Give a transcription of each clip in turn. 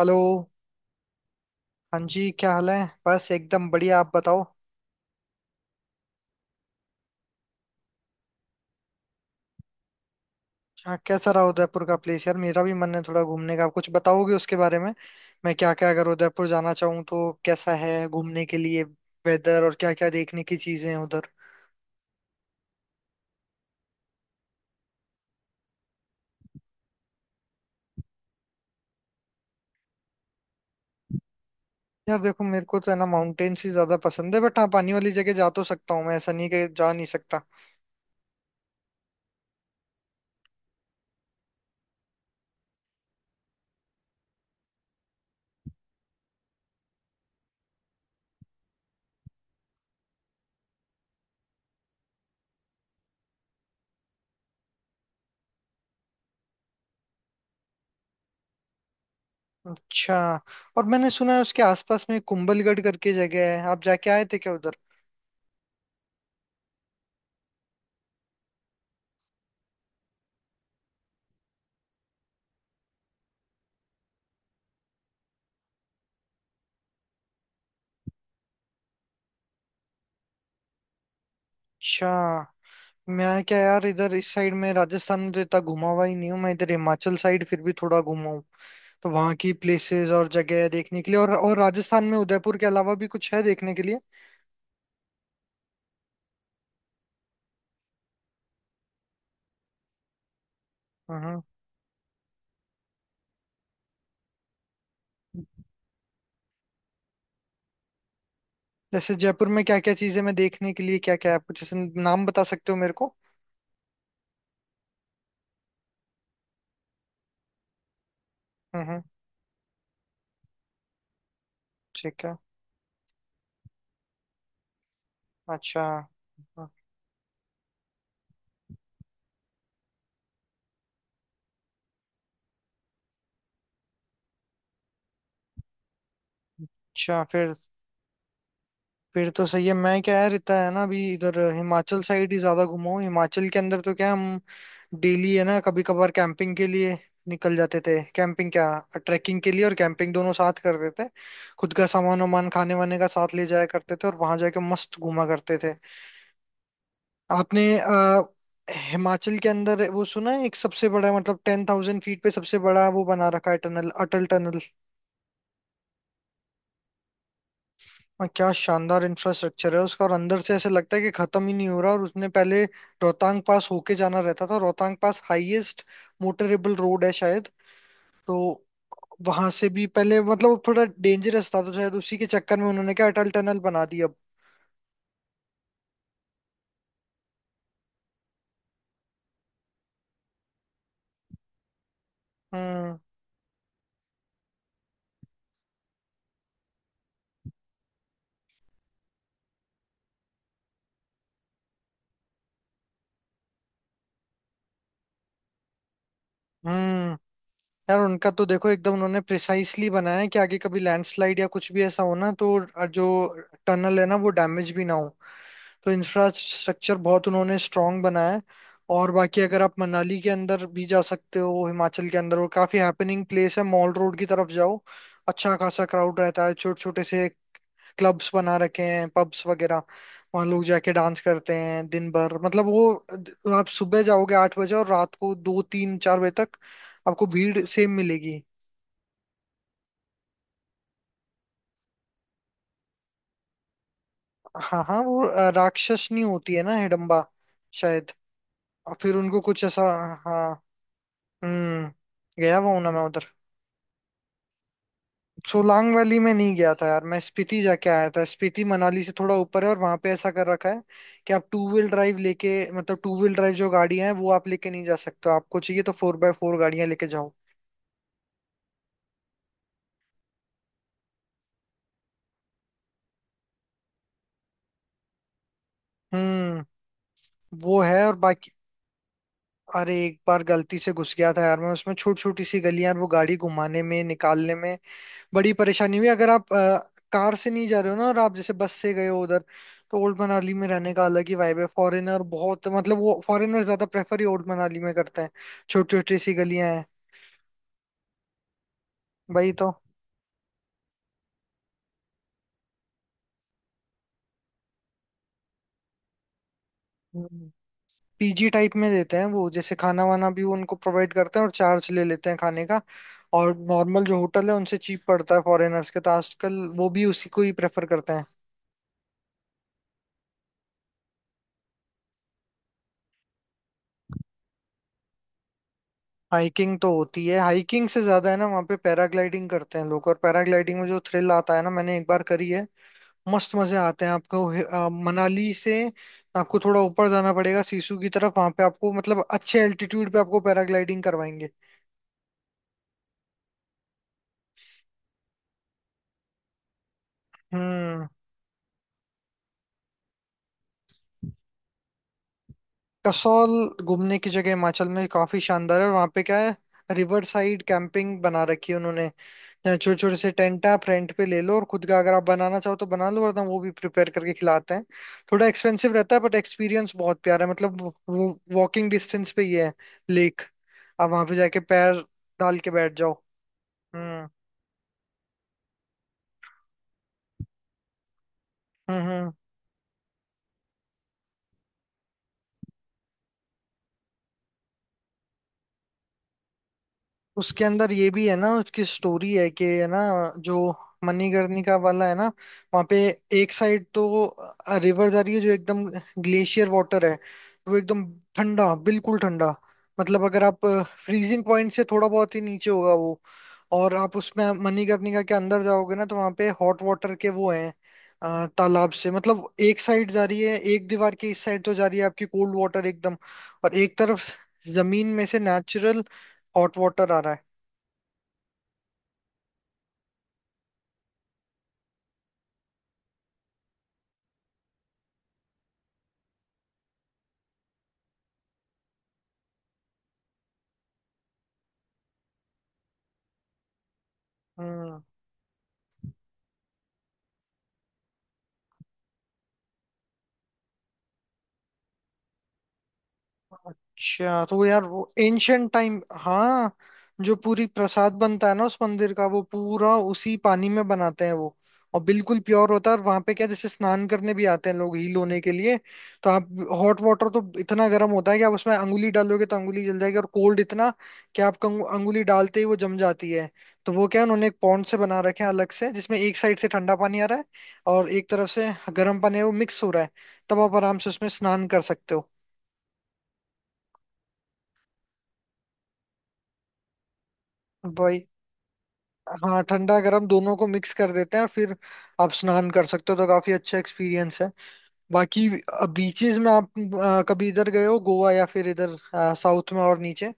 Hello. हाँ जी, क्या हाल है? बस एकदम बढ़िया। आप बताओ, क्या कैसा रहा उदयपुर का प्लेस? यार मेरा भी मन है थोड़ा घूमने का, आप कुछ बताओगे उसके बारे में? मैं क्या क्या अगर उदयपुर जाना चाहूँ तो कैसा है घूमने के लिए, वेदर और क्या क्या देखने की चीजें हैं उधर? यार देखो मेरे को तो है ना, माउंटेन्स ही ज्यादा पसंद है, बट हाँ पानी वाली जगह जा तो सकता हूँ, मैं ऐसा नहीं कि जा नहीं सकता। अच्छा। और मैंने सुना है उसके आसपास में कुंभलगढ़ करके जगह है, आप जाके आए थे क्या उधर? अच्छा। मैं क्या यार, इधर इस साइड में राजस्थान में तो इतना घुमा हुआ ही नहीं हूँ, मैं इधर हिमाचल साइड फिर भी थोड़ा घुमा हूँ। तो वहाँ की प्लेसेस और जगह है देखने के लिए, और राजस्थान में उदयपुर के अलावा भी कुछ है देखने के लिए? हाँ। जैसे जयपुर में क्या क्या चीजें, मैं देखने के लिए क्या क्या है आप कुछ ऐसे नाम बता सकते हो मेरे को? हम्म। ठीक है। अच्छा। हाँ। अच्छा। फिर तो सही है। मैं क्या यार, इतना है ना अभी इधर हिमाचल साइड ही ज्यादा घुमा हूँ। हिमाचल के अंदर तो क्या हम डेली है ना, कभी कभार कैंपिंग के लिए निकल जाते थे। कैंपिंग क्या, ट्रैकिंग के लिए और कैंपिंग दोनों साथ करते थे। खुद का सामान वामान खाने वाने का साथ ले जाया करते थे, और वहां जाके मस्त घूमा करते थे। आपने अ, हिमाचल के अंदर वो सुना है, एक सबसे बड़ा मतलब 10,000 फीट पे सबसे बड़ा वो बना रखा है टनल, अटल टनल। और क्या शानदार इंफ्रास्ट्रक्चर है उसका, और अंदर से ऐसे लगता है कि खत्म ही नहीं हो रहा। और उसने पहले रोहतांग पास होके जाना रहता था, Rohtang pass highest motorable road है शायद। तो वहां से भी पहले मतलब वो थोड़ा डेंजरस था, तो शायद उसी के चक्कर में उन्होंने क्या अटल टनल बना दी अब। हम्म हम्म। यार उनका तो देखो एकदम, उन्होंने प्रिसाइसली बनाया है कि आगे कभी लैंडस्लाइड या कुछ भी ऐसा हो ना, तो जो टनल है ना वो डैमेज भी ना हो। तो इंफ्रास्ट्रक्चर बहुत उन्होंने स्ट्रांग बनाया है। और बाकी अगर आप मनाली के अंदर भी जा सकते हो हिमाचल के अंदर, और काफी हैपनिंग प्लेस है, मॉल रोड की तरफ जाओ। अच्छा खासा क्राउड रहता है, छोटे छोटे से क्लब्स बना रखे हैं, पब्स वगैरह। वहां लोग जाके डांस करते हैं दिन भर, मतलब वो आप सुबह जाओगे 8 बजे और रात को 2, 3, 4 बजे तक आपको भीड़ सेम मिलेगी। हाँ हाँ, वो राक्षसनी होती है ना हिडम्बा, शायद। और फिर उनको कुछ ऐसा। हाँ। हम्म। गया हुआ हूं ना मैं उधर। सोलांग वैली में नहीं गया था यार मैं, स्पीति जाके आया था। स्पीति मनाली से थोड़ा ऊपर है और वहां पे ऐसा कर रखा है कि आप टू व्हील ड्राइव लेके, मतलब टू व्हील ड्राइव जो गाड़ियां हैं वो आप लेके नहीं जा सकते हो। आपको चाहिए तो 4x4 गाड़ियां लेके जाओ। हम्म। वो है। और बाकी अरे, एक बार गलती से घुस गया था यार मैं उसमें, छोटी छोटी सी गलियां, और वो गाड़ी घुमाने में निकालने में बड़ी परेशानी हुई। अगर आप कार से नहीं जा रहे हो ना, और आप जैसे बस से गए हो उधर, तो ओल्ड मनाली में रहने का अलग ही वाइब है। फॉरेनर बहुत, मतलब वो फॉरेनर ज्यादा प्रेफर ही ओल्ड मनाली में करते हैं। छोटी छोटी सी गलियां हैं। भाई तो। हम्म। पीजी टाइप में देते हैं वो, जैसे खाना वाना भी वो उनको प्रोवाइड करते हैं और चार्ज ले लेते हैं खाने का। और नॉर्मल जो होटल है उनसे चीप पड़ता है फॉरेनर्स के, तो आजकल वो भी उसी को ही प्रेफर करते हैं। हाइकिंग तो होती है, हाइकिंग से ज्यादा है ना वहाँ पे पैराग्लाइडिंग करते हैं लोग। और पैराग्लाइडिंग में जो थ्रिल आता है ना, मैंने एक बार करी है, मस्त मजे आते हैं आपको। मनाली से आपको थोड़ा ऊपर जाना पड़ेगा सिसु की तरफ, वहां पे आपको मतलब अच्छे एल्टीट्यूड पे आपको पैराग्लाइडिंग करवाएंगे। हम्म। कसौल घूमने की जगह हिमाचल में काफी शानदार है। और वहां पे क्या है, रिवर साइड कैंपिंग बना रखी है उन्होंने। छोटे छोटे से टेंट आप रेंट पे ले लो, और खुद का अगर आप बनाना चाहो तो बना लो, वरना वो भी प्रिपेयर करके खिलाते हैं। थोड़ा एक्सपेंसिव रहता है बट एक्सपीरियंस बहुत प्यारा है मतलब वो। वॉकिंग डिस्टेंस पे ही है लेक, आप वहां पे जाके पैर डाल के बैठ जाओ। हम्म हम्म हम्म। उसके अंदर ये भी है ना, उसकी स्टोरी है कि है ना, जो मणिकर्णिका वाला है ना, वहाँ पे एक साइड तो रिवर जा रही है जो एकदम ग्लेशियर वाटर है, वो एकदम ठंडा, बिल्कुल ठंडा। मतलब अगर आप फ्रीजिंग पॉइंट से थोड़ा बहुत ही नीचे होगा वो। और आप उसमें मणिकर्णिका के अंदर जाओगे ना, तो वहां पे हॉट वाटर के वो हैं। तालाब से मतलब एक साइड जा रही है, एक दीवार की इस साइड तो जा रही है आपकी कोल्ड वाटर एकदम, और एक तरफ जमीन में से नेचुरल हॉट वाटर आ रहा है। हम्म। अच्छा तो यार वो एंशंट टाइम। हाँ। जो पूरी प्रसाद बनता है ना उस मंदिर का, वो पूरा उसी पानी में बनाते हैं वो। और बिल्कुल प्योर होता है। और वहां पे क्या, जैसे स्नान करने भी आते हैं लोग हील होने के लिए। तो आप, हॉट वाटर तो इतना गर्म होता है कि आप उसमें अंगुली डालोगे तो अंगुली जल जाएगी, और कोल्ड इतना कि आप अंगुली डालते ही वो जम जाती है। तो वो क्या है, उन्होंने एक पॉन्ड से बना रखे हैं अलग से, जिसमें एक साइड से ठंडा पानी आ रहा है, और एक तरफ से गर्म पानी है, वो मिक्स हो रहा है। तब आप आराम से उसमें स्नान कर सकते हो। भाई हाँ, ठंडा गर्म दोनों को मिक्स कर देते हैं, और फिर आप स्नान कर सकते हो। तो काफी अच्छा एक्सपीरियंस है। बाकी बीचेस में आप कभी इधर गए हो, गोवा या फिर इधर साउथ में और नीचे?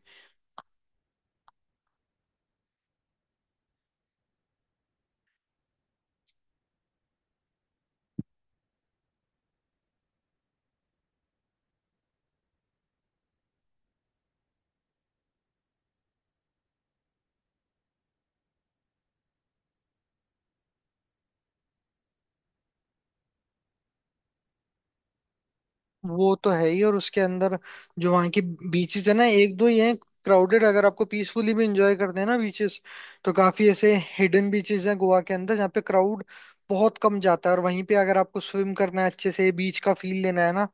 वो तो है ही। और उसके अंदर जो वहाँ की बीचेस है ना, एक दो ही हैं क्राउडेड। अगर आपको पीसफुली भी इंजॉय करते हैं ना बीचेस, तो काफी ऐसे हिडन बीचेस हैं गोवा के अंदर जहाँ पे क्राउड बहुत कम जाता है। और वहीं पे अगर आपको स्विम करना है, अच्छे से बीच का फील लेना है ना,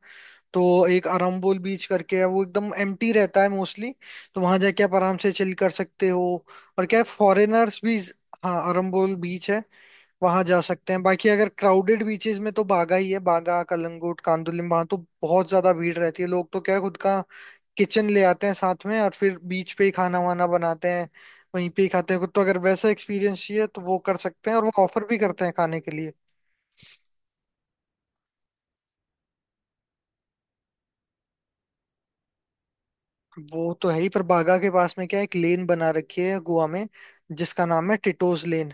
तो एक अरम्बोल बीच करके है, वो एकदम एम्प्टी रहता है मोस्टली। तो वहां जाके आप आराम से चिल कर सकते हो। और क्या है, फॉरेनर्स भी। हाँ, अरम्बोल बीच है, वहां जा सकते हैं। बाकी अगर क्राउडेड बीचेस में तो बागा ही है, बागा कलंगुट कांदुलिम, वहां तो बहुत ज्यादा भीड़ रहती है लोग। तो क्या है, खुद का किचन ले आते हैं साथ में, और फिर बीच पे ही खाना वाना बनाते हैं, वहीं पे ही खाते हैं खुद। तो अगर वैसा एक्सपीरियंस चाहिए तो वो कर सकते हैं, और वो ऑफर भी करते हैं खाने के लिए। वो तो है ही। पर बागा के पास में क्या है, एक लेन बना रखी है गोवा में जिसका नाम है टिटोज लेन।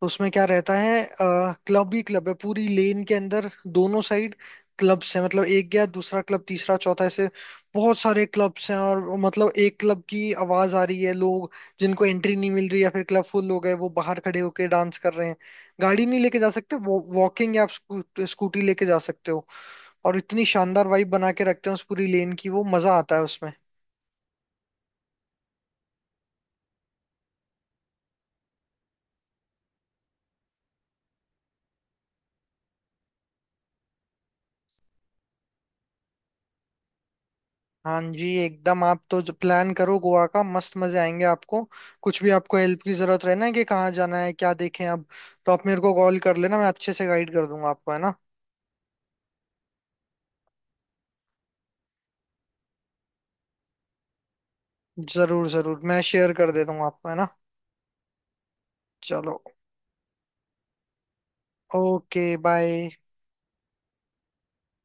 तो उसमें क्या रहता है, क्लब ही क्लब है पूरी लेन के अंदर, दोनों साइड क्लब्स हैं, मतलब एक गया दूसरा क्लब तीसरा चौथा, ऐसे बहुत सारे क्लब्स हैं। और वो मतलब एक क्लब की आवाज आ रही है, लोग जिनको एंट्री नहीं मिल रही या फिर क्लब फुल हो गए वो बाहर खड़े होके डांस कर रहे हैं। गाड़ी नहीं लेके जा सकते वो, वॉकिंग या आप स्कूटी लेके जा सकते हो। और इतनी शानदार वाइब बना के रखते हैं उस पूरी लेन की, वो मजा आता है उसमें। हाँ जी एकदम, आप तो प्लान करो गोवा का, मस्त मजे आएंगे आपको। कुछ भी आपको हेल्प की जरूरत रहे ना कि कहाँ जाना है क्या देखें, अब तो आप मेरे को कॉल कर लेना, मैं अच्छे से गाइड कर दूंगा आपको है ना। जरूर जरूर, मैं शेयर कर दे दूंगा आपको है ना। चलो, ओके बाय।